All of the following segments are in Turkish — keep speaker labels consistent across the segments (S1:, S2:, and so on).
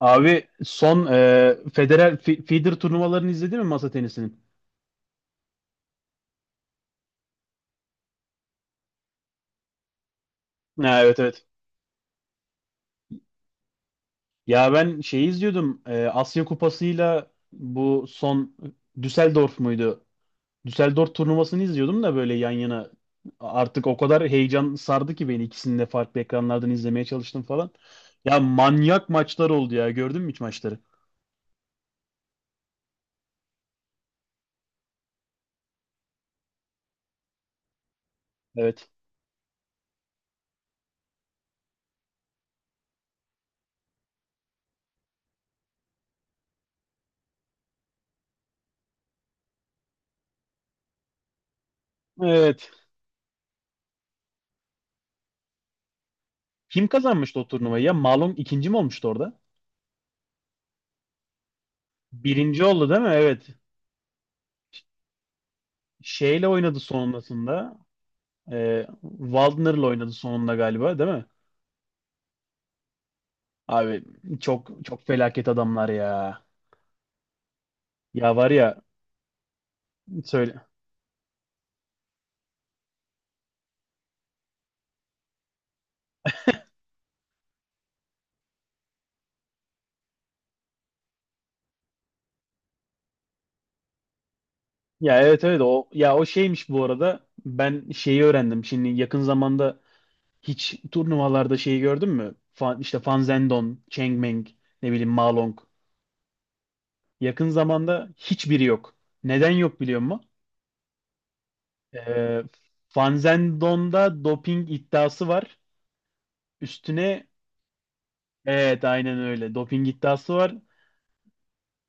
S1: Abi son Federer Feeder turnuvalarını izledin mi masa tenisinin? Ha, evet evet. Ya ben şeyi izliyordum. Asya Kupası'yla bu son Düsseldorf muydu? Düsseldorf turnuvasını izliyordum da böyle yan yana. Artık o kadar heyecan sardı ki beni ikisini de farklı ekranlardan izlemeye çalıştım falan. Ya manyak maçlar oldu ya. Gördün mü hiç maçları? Evet. Evet. Kim kazanmıştı o turnuvayı ya? Malum ikinci mi olmuştu orada? Birinci oldu değil mi? Evet. Şeyle oynadı sonrasında. E, Waldner'la oynadı sonunda galiba değil mi? Abi çok çok felaket adamlar ya. Ya var ya söyle. Ya evet evet o ya o şeymiş bu arada. Ben şeyi öğrendim. Şimdi yakın zamanda hiç turnuvalarda şeyi gördün mü? İşte Fan Zhendong, Cheng Meng, ne bileyim Ma Long. Yakın zamanda hiçbiri yok. Neden yok biliyor musun? Ee, Fan Zhendong'da doping iddiası var. Üstüne evet aynen öyle. Doping iddiası var.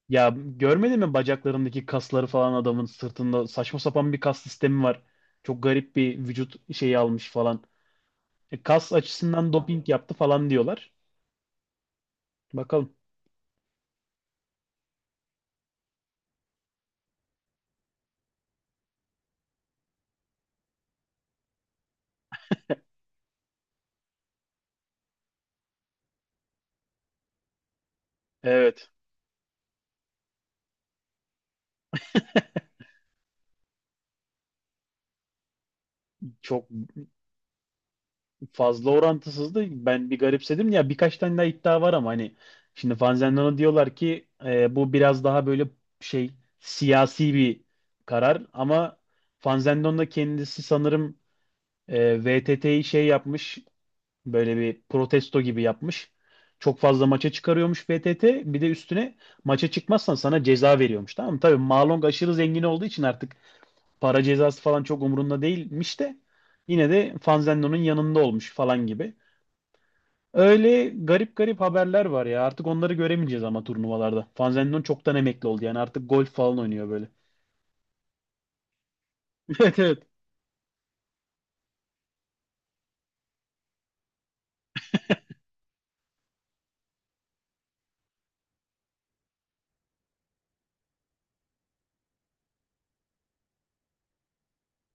S1: Ya görmedin mi bacaklarındaki kasları falan adamın sırtında saçma sapan bir kas sistemi var. Çok garip bir vücut şeyi almış falan. Kas açısından doping yaptı falan diyorlar. Bakalım. Evet. Çok fazla orantısızdı. Ben bir garipsedim. Ya birkaç tane daha iddia var ama hani şimdi Fanzendon'a diyorlar ki bu biraz daha böyle şey siyasi bir karar ama Fanzendon da kendisi sanırım VTT'yi şey yapmış. Böyle bir protesto gibi yapmış. Çok fazla maça çıkarıyormuş VTT. Bir de üstüne maça çıkmazsan sana ceza veriyormuş. Tamam mı? Tabii Malong aşırı zengin olduğu için artık para cezası falan çok umurunda değilmiş de yine de Fanzenlo'nun yanında olmuş falan gibi. Öyle garip garip haberler var ya. Artık onları göremeyeceğiz ama turnuvalarda. Fanzenlon çoktan emekli oldu yani. Artık golf falan oynuyor böyle. Evet evet.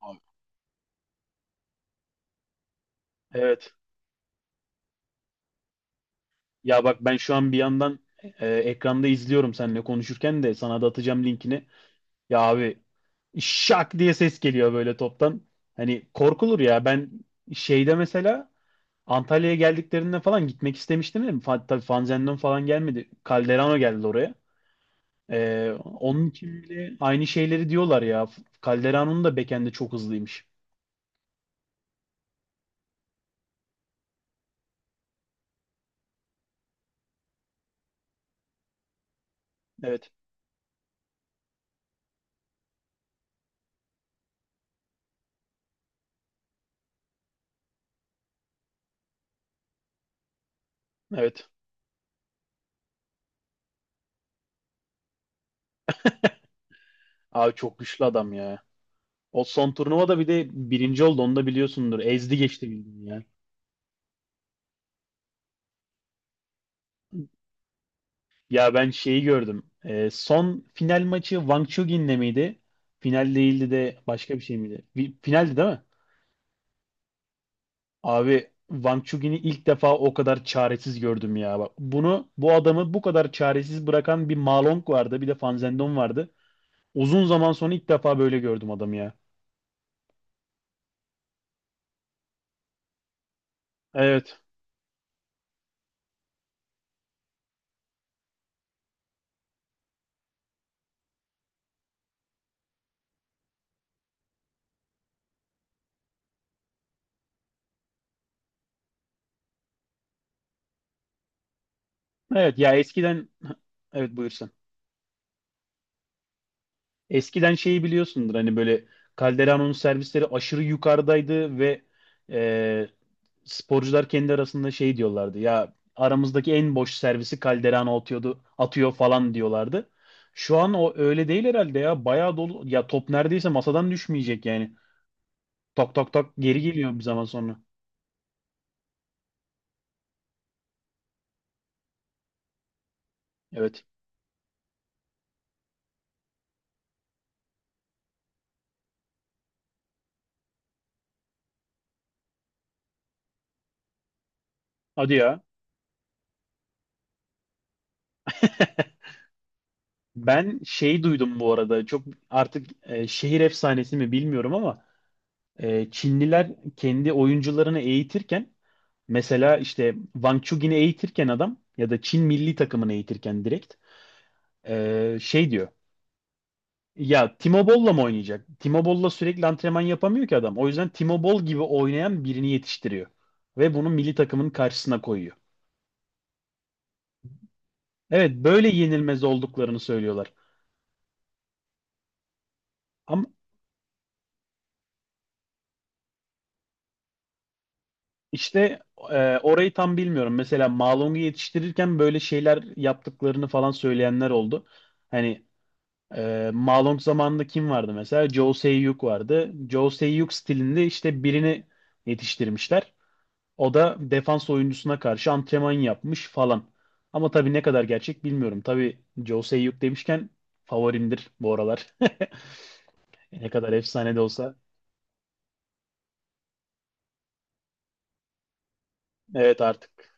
S1: Abi, evet. Ya bak ben şu an bir yandan ekranda izliyorum seninle konuşurken de sana da atacağım linkini. Ya abi şak diye ses geliyor böyle toptan. Hani korkulur ya. Ben şeyde mesela Antalya'ya geldiklerinde falan gitmek istemiştim değil mi? Tabii Fanzendon falan gelmedi. Calderano geldi oraya. Onun için bile aynı şeyleri diyorlar ya. Calderano'nun da bekendi çok hızlıymış. Evet. Evet. Abi çok güçlü adam ya. O son turnuvada bir de birinci oldu. Onu da biliyorsundur. Ezdi geçti bildiğin ya. Ya ben şeyi gördüm. Son final maçı Wang Chugin'le miydi? Final değildi de başka bir şey miydi? Finaldi değil mi? Abi Wang Chugin'i ilk defa o kadar çaresiz gördüm ya. Bak bu adamı bu kadar çaresiz bırakan bir Ma Long vardı, bir de Fan Zhendong vardı. Uzun zaman sonra ilk defa böyle gördüm adamı ya. Evet. Evet ya eskiden, evet, buyur. Eskiden şeyi biliyorsundur hani böyle Calderon'un servisleri aşırı yukarıdaydı ve e, sporcular kendi arasında şey diyorlardı. Ya aramızdaki en boş servisi Calderano atıyordu, atıyor falan diyorlardı. Şu an o öyle değil herhalde ya. Bayağı dolu. Ya top neredeyse masadan düşmeyecek yani. Tak tak tak geri geliyor bir zaman sonra. Evet. Hadi ya. Ben şey duydum bu arada çok artık şehir efsanesi mi bilmiyorum ama Çinliler kendi oyuncularını eğitirken mesela işte Wang Chugin'i eğitirken adam ya da Çin milli takımını eğitirken direkt şey diyor. Ya Timo Boll'la mı oynayacak? Timo Boll'la sürekli antrenman yapamıyor ki adam. O yüzden Timo Boll gibi oynayan birini yetiştiriyor. Ve bunu milli takımın karşısına koyuyor. Evet böyle yenilmez olduklarını söylüyorlar. Ama işte orayı tam bilmiyorum. Mesela Malong'u yetiştirirken böyle şeyler yaptıklarını falan söyleyenler oldu. Hani Malong zamanında kim vardı mesela? Joe Sakic vardı. Joe Sakic stilinde işte birini yetiştirmişler. O da defans oyuncusuna karşı antrenman yapmış falan. Ama tabii ne kadar gerçek bilmiyorum. Tabii Joe Sakic demişken favorimdir bu aralar. Ne kadar efsane de olsa. Evet artık.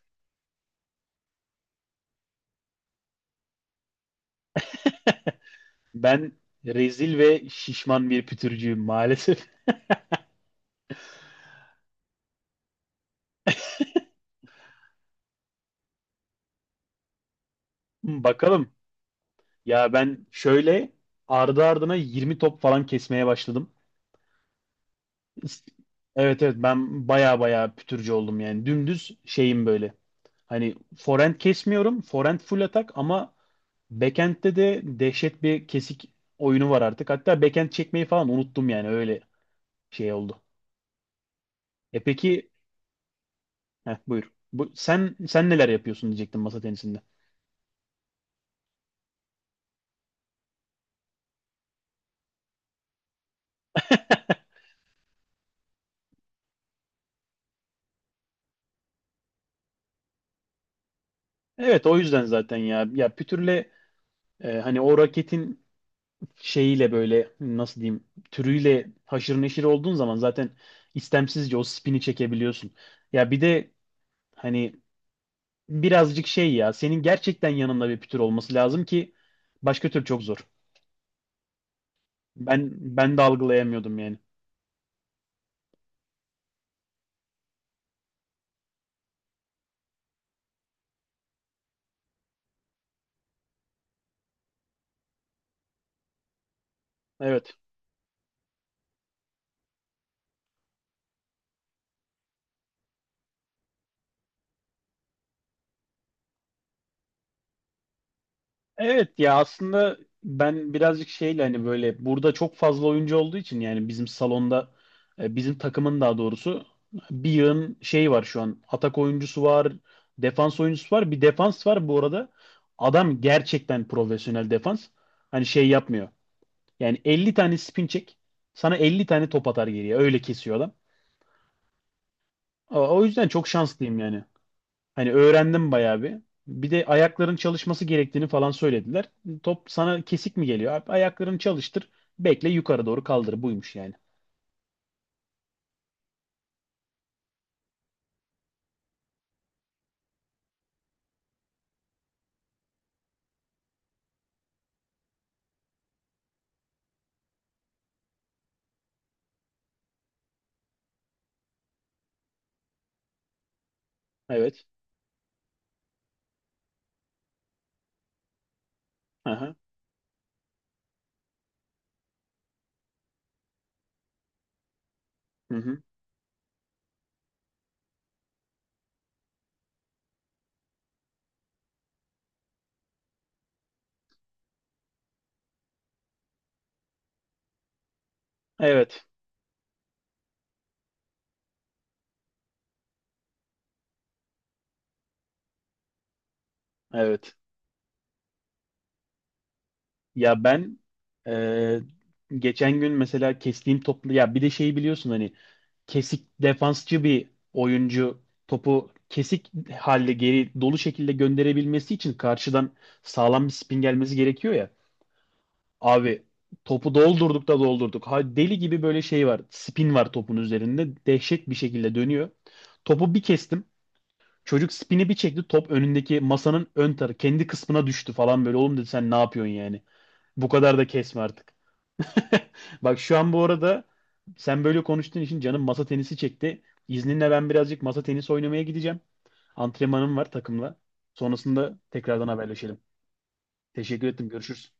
S1: Ben rezil ve şişman bir pütürcüyüm maalesef. Bakalım. Ya ben şöyle ardı ardına 20 top falan kesmeye başladım. Evet evet ben baya baya pütürcü oldum yani. Dümdüz şeyim böyle. Hani forehand kesmiyorum. Forehand full atak ama backhand'de de dehşet bir kesik oyunu var artık. Hatta backhand çekmeyi falan unuttum yani öyle şey oldu. E peki buyur. Sen neler yapıyorsun diyecektim masa tenisinde. Evet o yüzden zaten ya pütürle hani o raketin şeyiyle böyle nasıl diyeyim türüyle haşır neşir olduğun zaman zaten istemsizce o spini çekebiliyorsun. Ya bir de hani birazcık şey ya senin gerçekten yanında bir pütür olması lazım ki başka tür çok zor. Ben ben de algılayamıyordum yani. Evet. Evet ya aslında ben birazcık şeyle hani böyle burada çok fazla oyuncu olduğu için yani bizim salonda bizim takımın daha doğrusu bir yığın şey var şu an. Atak oyuncusu var, defans oyuncusu var, bir defans var bu arada. Adam gerçekten profesyonel defans. Hani şey yapmıyor. Yani 50 tane spin çek, sana 50 tane top atar geriye. Öyle kesiyor adam. O yüzden çok şanslıyım yani. Hani öğrendim bayağı bir. Bir de ayakların çalışması gerektiğini falan söylediler. Top sana kesik mi geliyor? Abi, ayaklarını çalıştır. Bekle yukarı doğru kaldır. Buymuş yani. Evet. Aha. Hı hı. Evet. Evet. Ya ben e, geçen gün mesela kestiğim toplu ya bir de şeyi biliyorsun hani kesik defansçı bir oyuncu topu kesik halde geri dolu şekilde gönderebilmesi için karşıdan sağlam bir spin gelmesi gerekiyor ya. Abi topu doldurduk da doldurduk. Ha, deli gibi böyle şey var. Spin var topun üzerinde. Dehşet bir şekilde dönüyor. Topu bir kestim. Çocuk spini bir çekti. Top önündeki masanın ön tarafı kendi kısmına düştü falan böyle. Oğlum dedi sen ne yapıyorsun yani? Bu kadar da kesme artık. Bak şu an bu arada sen böyle konuştuğun için canım masa tenisi çekti. İzninle ben birazcık masa tenisi oynamaya gideceğim. Antrenmanım var takımla. Sonrasında tekrardan haberleşelim. Teşekkür ettim. Görüşürüz.